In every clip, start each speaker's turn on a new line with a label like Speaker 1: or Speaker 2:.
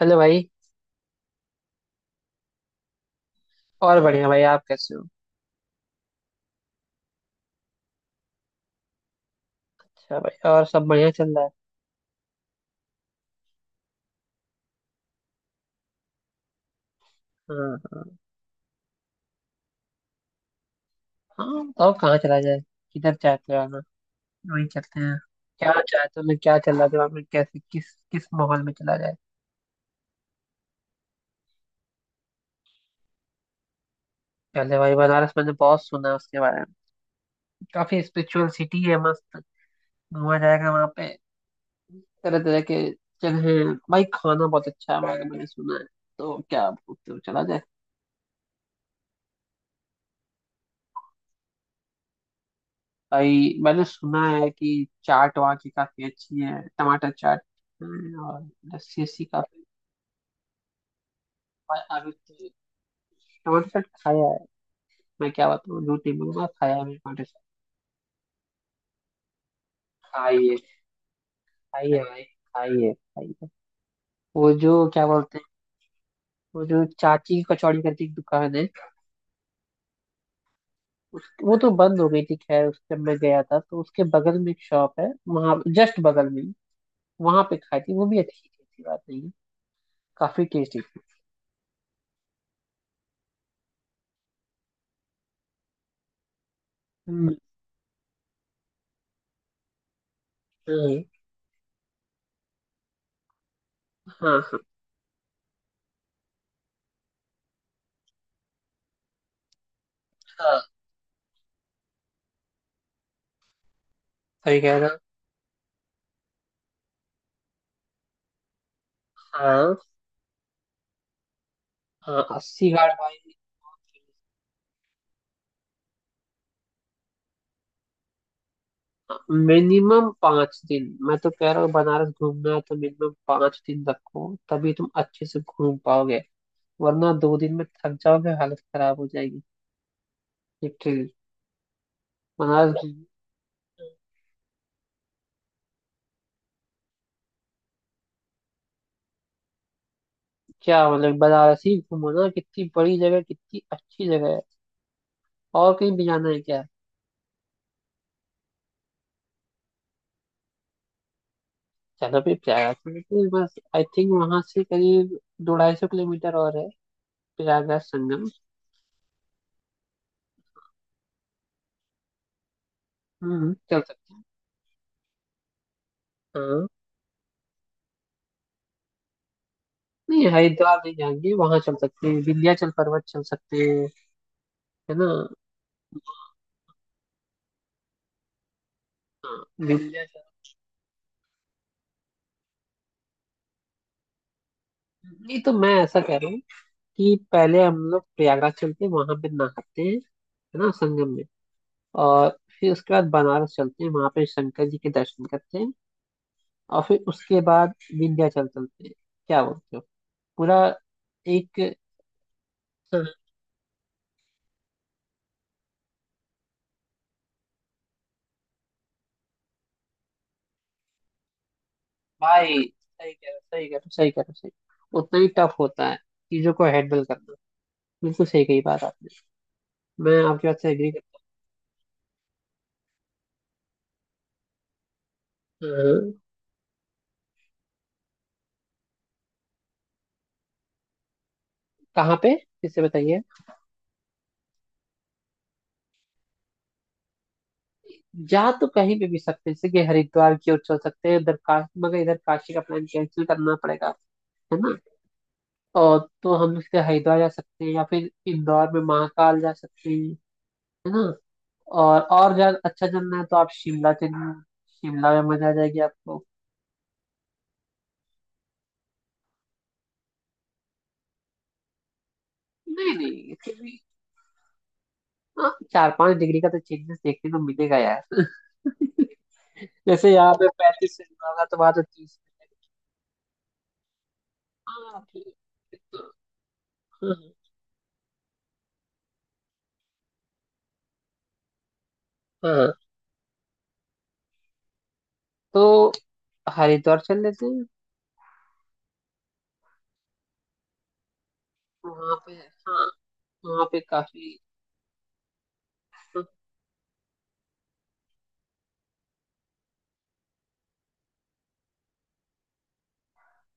Speaker 1: Hello भाई। और बढ़िया भाई, आप कैसे हो। अच्छा भाई, और सब बढ़िया चल रहा है। हाँ हाँ। हाँ, बताओ कहाँ चला जाए। किधर चाहते हो आना। वहीं चलते हैं। क्या चाहते हो, मैं, क्या चल रहा है दिमाग में, कैसे किस किस माहौल में चला जाए। पहले भाई, बनारस मैंने बहुत सुना है उसके बारे में। काफी स्पिरिचुअल सिटी है, मस्त। घूमा जाएगा वहाँ पे। तरह तरह के जगह हैं। भाई खाना बहुत अच्छा है, मैंने मैंने सुना है। तो क्या बोलते हो, चला जाए। आई मैंने सुना है कि चाट वहाँ की काफी अच्छी है, टमाटर चाट है। और लस्सी अस्सी काफी। और अभी तो टमाटर चाट खाया है। मैं क्या बताऊँ, झूठ नहीं बोलूंगा, खाया है मैंने टमाटर चाट। खाइए, खाइए भाई, खाइए खाइए। वो जो क्या बोलते हैं, वो जो चाची की कचौड़ी करके एक दुकान है। वो तो बंद हो गई थी, खैर उस जब मैं गया था तो उसके बगल में एक शॉप है, वहाँ जस्ट बगल में। वहां पे खाई थी, वो भी अच्छी थी, ऐसी बात नहीं है। काफी टेस्टी थी। हम्म। हम्म। हाँ हाँ। हाँ, सही कह रहे हो। हाँ हाँ, अस्सी घाट भाई। मिनिमम 5 दिन मैं तो कह रहा हूँ, बनारस घूमना है तो मिनिमम 5 दिन रखो, तभी तुम अच्छे से घूम पाओगे। वरना 2 दिन में थक जाओगे, हालत खराब हो जाएगी। लिटरली। बनारस घूम- क्या मतलब, बनारस ही घूमो ना, कितनी बड़ी जगह, कितनी अच्छी जगह है। और कहीं भी जाना है क्या। चलो फिर प्रयागराज चलते हैं, बस आई थिंक वहां से करीब 200-250 किलोमीटर और है, प्रयागराज संगम। हम्म, चल सकते हैं। नहीं हरिद्वार नहीं जाएंगे, वहां चल सकते हैं, विंध्याचल पर्वत चल सकते हैं, है ना। हाँ, विंध्याचल। नहीं तो मैं ऐसा कह रहा हूँ कि पहले हम लोग प्रयागराज चलते हैं, वहां पे नहाते हैं है ना संगम में। और फिर उसके बाद बनारस चलते हैं, वहां पे शंकर जी के दर्शन करते हैं। और फिर उसके बाद विंध्याचल चलते हैं। क्या बोलते हो। पूरा एक। हाँ, भाई सही कह रहे हो, सही कह रहे हो, सही कह रहे हो, सही। उतना ही टफ होता है चीजों को हैंडल करना। बिल्कुल सही कही बात आपने। मैं आपकी बात से एग्री। हम्म। कहाँ पे, इसे बताइए। जा तो कहीं पे भी सकते हैं, जैसे कि हरिद्वार की ओर चल सकते हैं, उधर का। मगर इधर काशी का प्लान कैंसिल करना पड़ेगा, है ना। और तो हम इसके हरिद्वार जा सकते हैं या फिर इंदौर में महाकाल जा सकते हैं, है ना। और ज्यादा अच्छा चलना है तो आप शिमला चलिए। शिमला में मजा आ जाएगी आपको। नहीं नहीं, फिर भी। हाँ, 4-5 डिग्री का तो चेंजेस देखने को मिलेगा यार। जैसे यहाँ पे 35 होगा तो वहां तो 30। हाँ ठीक है। हाँ हाँ। हाँ। तो हरिद्वार चल लेते हैं वहां पे। हाँ, वहां पे काफी। हाँ,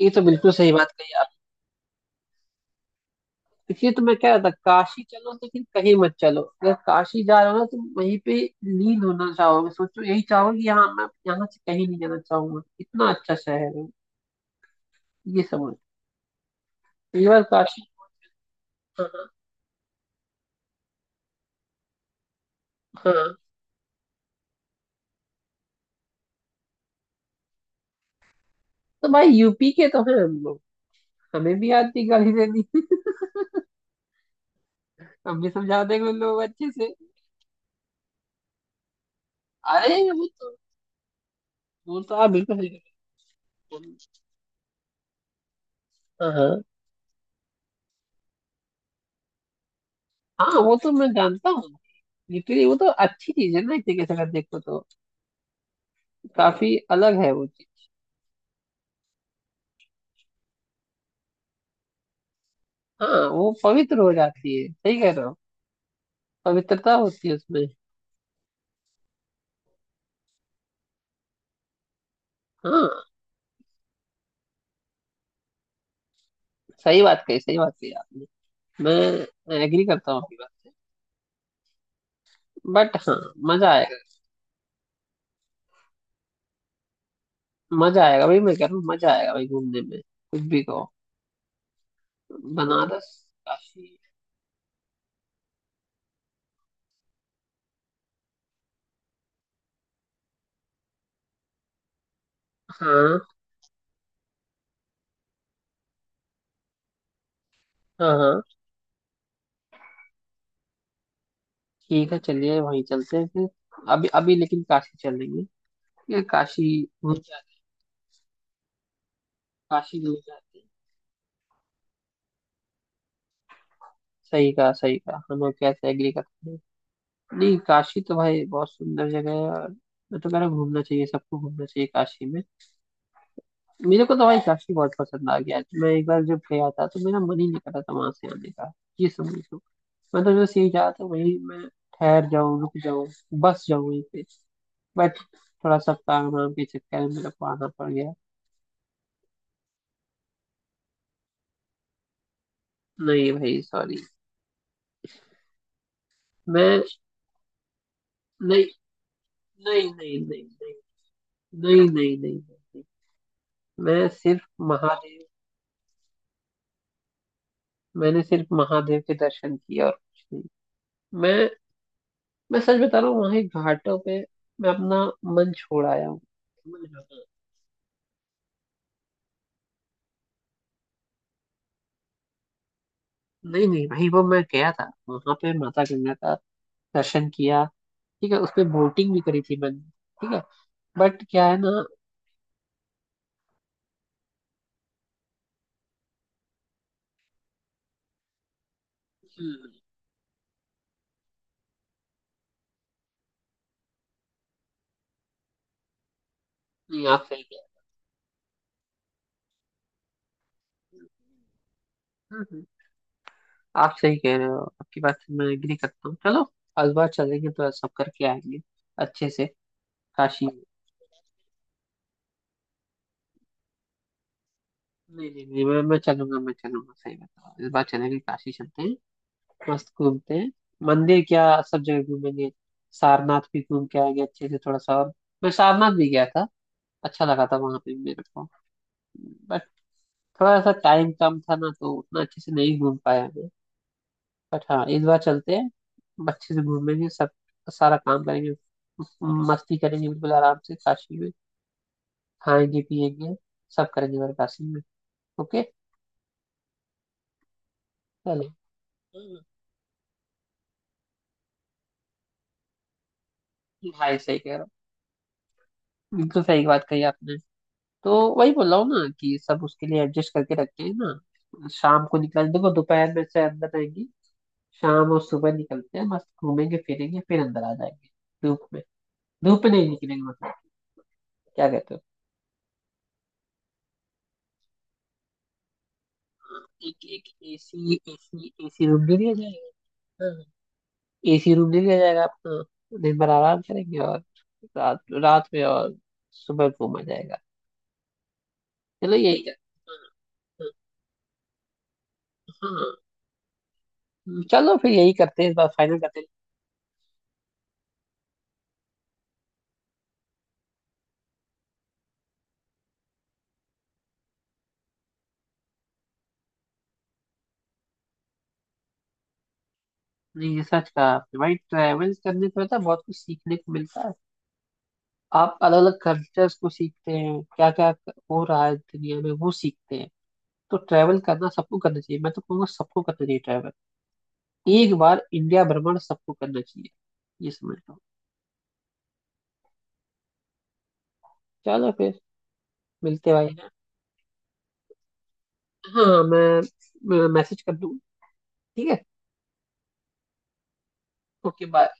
Speaker 1: ये तो बिल्कुल सही बात कही आप। इसलिए तो मैं कह रहा था काशी चलो, लेकिन कहीं मत चलो, अगर काशी जा रहे हो ना तो वहीं पे लीन होना चाहोगे, सोचो यही चाहोगे कि यहाँ मैं, यहाँ से कहीं नहीं जाना चाहूंगा, इतना अच्छा शहर है। ये समझ। ये बार काशी। हाँ हाँ। हाँ। तो भाई यूपी के तो हैं हम लोग। हमें भी आती गाड़ी देनी। हम भी समझा देंगे उन लोगों को अच्छे से। अरे वो तो, वो तो आप बिल्कुल सही कह रहे हो। हाँ हाँ। हाँ, वो तो मैं जानता हूँ। लिटरली वो तो अच्छी चीज है ना, एक तरीके से अगर देखो तो। काफी अलग है वो चीज। हाँ, वो पवित्र हो जाती है, सही कह रहे हो, पवित्रता होती है उसमें। हाँ सही बात कही, सही बात कही आपने। मैं एग्री करता हूँ आपकी बात से। बट हाँ। मजा आएगा। मजा आएगा भाई, मैं कह रहा हूँ मजा आएगा भाई, घूमने में कुछ भी कहो। बनारस, काशी। हाँ। हाँ हाँ, ठीक है चलिए वहीं चलते हैं फिर। अभी अभी लेकिन काशी चलेंगे। ये काशी नहीं जाते, काशी नहीं जाते। सही कहा, सही कहा, हम आपके यहाँ से एग्री करते हैं। नहीं, काशी तो भाई बहुत सुंदर जगह है। और मैं तो कह रहा हूँ घूमना चाहिए सबको, घूमना चाहिए काशी में। मेरे को तो भाई काशी बहुत पसंद आ गया, मैं एक बार जब गया था तो मेरा मन ही नहीं कर रहा था वहां से आने का। ये समझ लो। मैं तो बस यही चाहता था, वही, मैं ठहर जाऊँ, रुक जाऊँ, बस जाऊँ यहीं पे। बट थोड़ा सा काम वाम के चक्कर में मेरे को आना पड़ गया। नहीं भाई, सॉरी। मैं। नहीं नहीं नहीं नहीं, नहीं नहीं नहीं नहीं, नहीं। नहीं। मैं सिर्फ महादेव। मैंने सिर्फ महादेव के दर्शन किए और कुछ नहीं। मैं मैं सच बता रहा हूँ, वहां एक घाटों पे मैं अपना मन छोड़ आया हूँ। नहीं नहीं भाई, वो मैं गया था वहां पे, माता गंगा का दर्शन किया। ठीक है, उस पे बोटिंग भी करी थी मैंने। ठीक है। बट क्या है ना। हम्म। नहीं आप सही कह। हम्म। आप सही कह रहे हो, आपकी बात से मैं एग्री करता हूँ। चलो इस बार चलेंगे तो सब करके आएंगे अच्छे से, काशी। नहीं नहीं नहीं, मैं चलूंगा, मैं चलूंगा सही बता रहा हूँ। इस बार चलेंगे, काशी चलते हैं। मस्त घूमते हैं, मंदिर क्या सब जगह घूमेंगे। सारनाथ भी घूम के आएंगे अच्छे से, थोड़ा सा और। मैं सारनाथ भी गया था, अच्छा लगा था वहां पे भी मेरे को। बट थोड़ा सा टाइम कम था ना तो उतना अच्छे से नहीं घूम पाया मैं। बट हाँ, इस बार चलते हैं। अच्छे से घूमेंगे सब, सारा काम करेंगे, मस्ती करेंगे बिल्कुल आराम से काशी में। खाएंगे पिएंगे, सब करेंगे बस काशी में। ओके। चलो। हम्म, भाई सही कह रहा हूँ, बिल्कुल सही बात कही आपने। तो वही बोल रहा हूँ ना कि सब उसके लिए एडजस्ट करके रखते हैं ना, शाम को निकल, देखो दोपहर में से अंदर रहेंगे, शाम और सुबह निकलते हैं, मस्त घूमेंगे फिरेंगे फिर अंदर आ जाएंगे। धूप में, धूप में नहीं निकलेंगे मतलब। क्या कहते हो। एक एक एसी, एसी एसी रूम ले लिया जाएगा। हाँ, एसी रूम ले लिया जाएगा, अपना दिन भर आराम करेंगे। और रात रात में और सुबह घूमा जाएगा। चलो यही कर। हाँ। हाँ, हाँ। चलो फिर यही करते हैं, इस बार फाइनल करते हैं। नहीं ये सच कहा आपने भाई, ट्रैवल्स करने से पता है बहुत कुछ सीखने को मिलता है। आप अलग अलग कल्चर्स को सीखते हैं, क्या क्या हो रहा है दुनिया में वो सीखते हैं। तो ट्रैवल करना सबको करना चाहिए, मैं तो कहूँगा सबको करना चाहिए ट्रैवल। एक बार इंडिया भ्रमण सबको करना चाहिए। ये समझ लो। चलो फिर मिलते हैं भाई। हाँ, मैं मैसेज कर दूँ, ठीक है। Okay bye.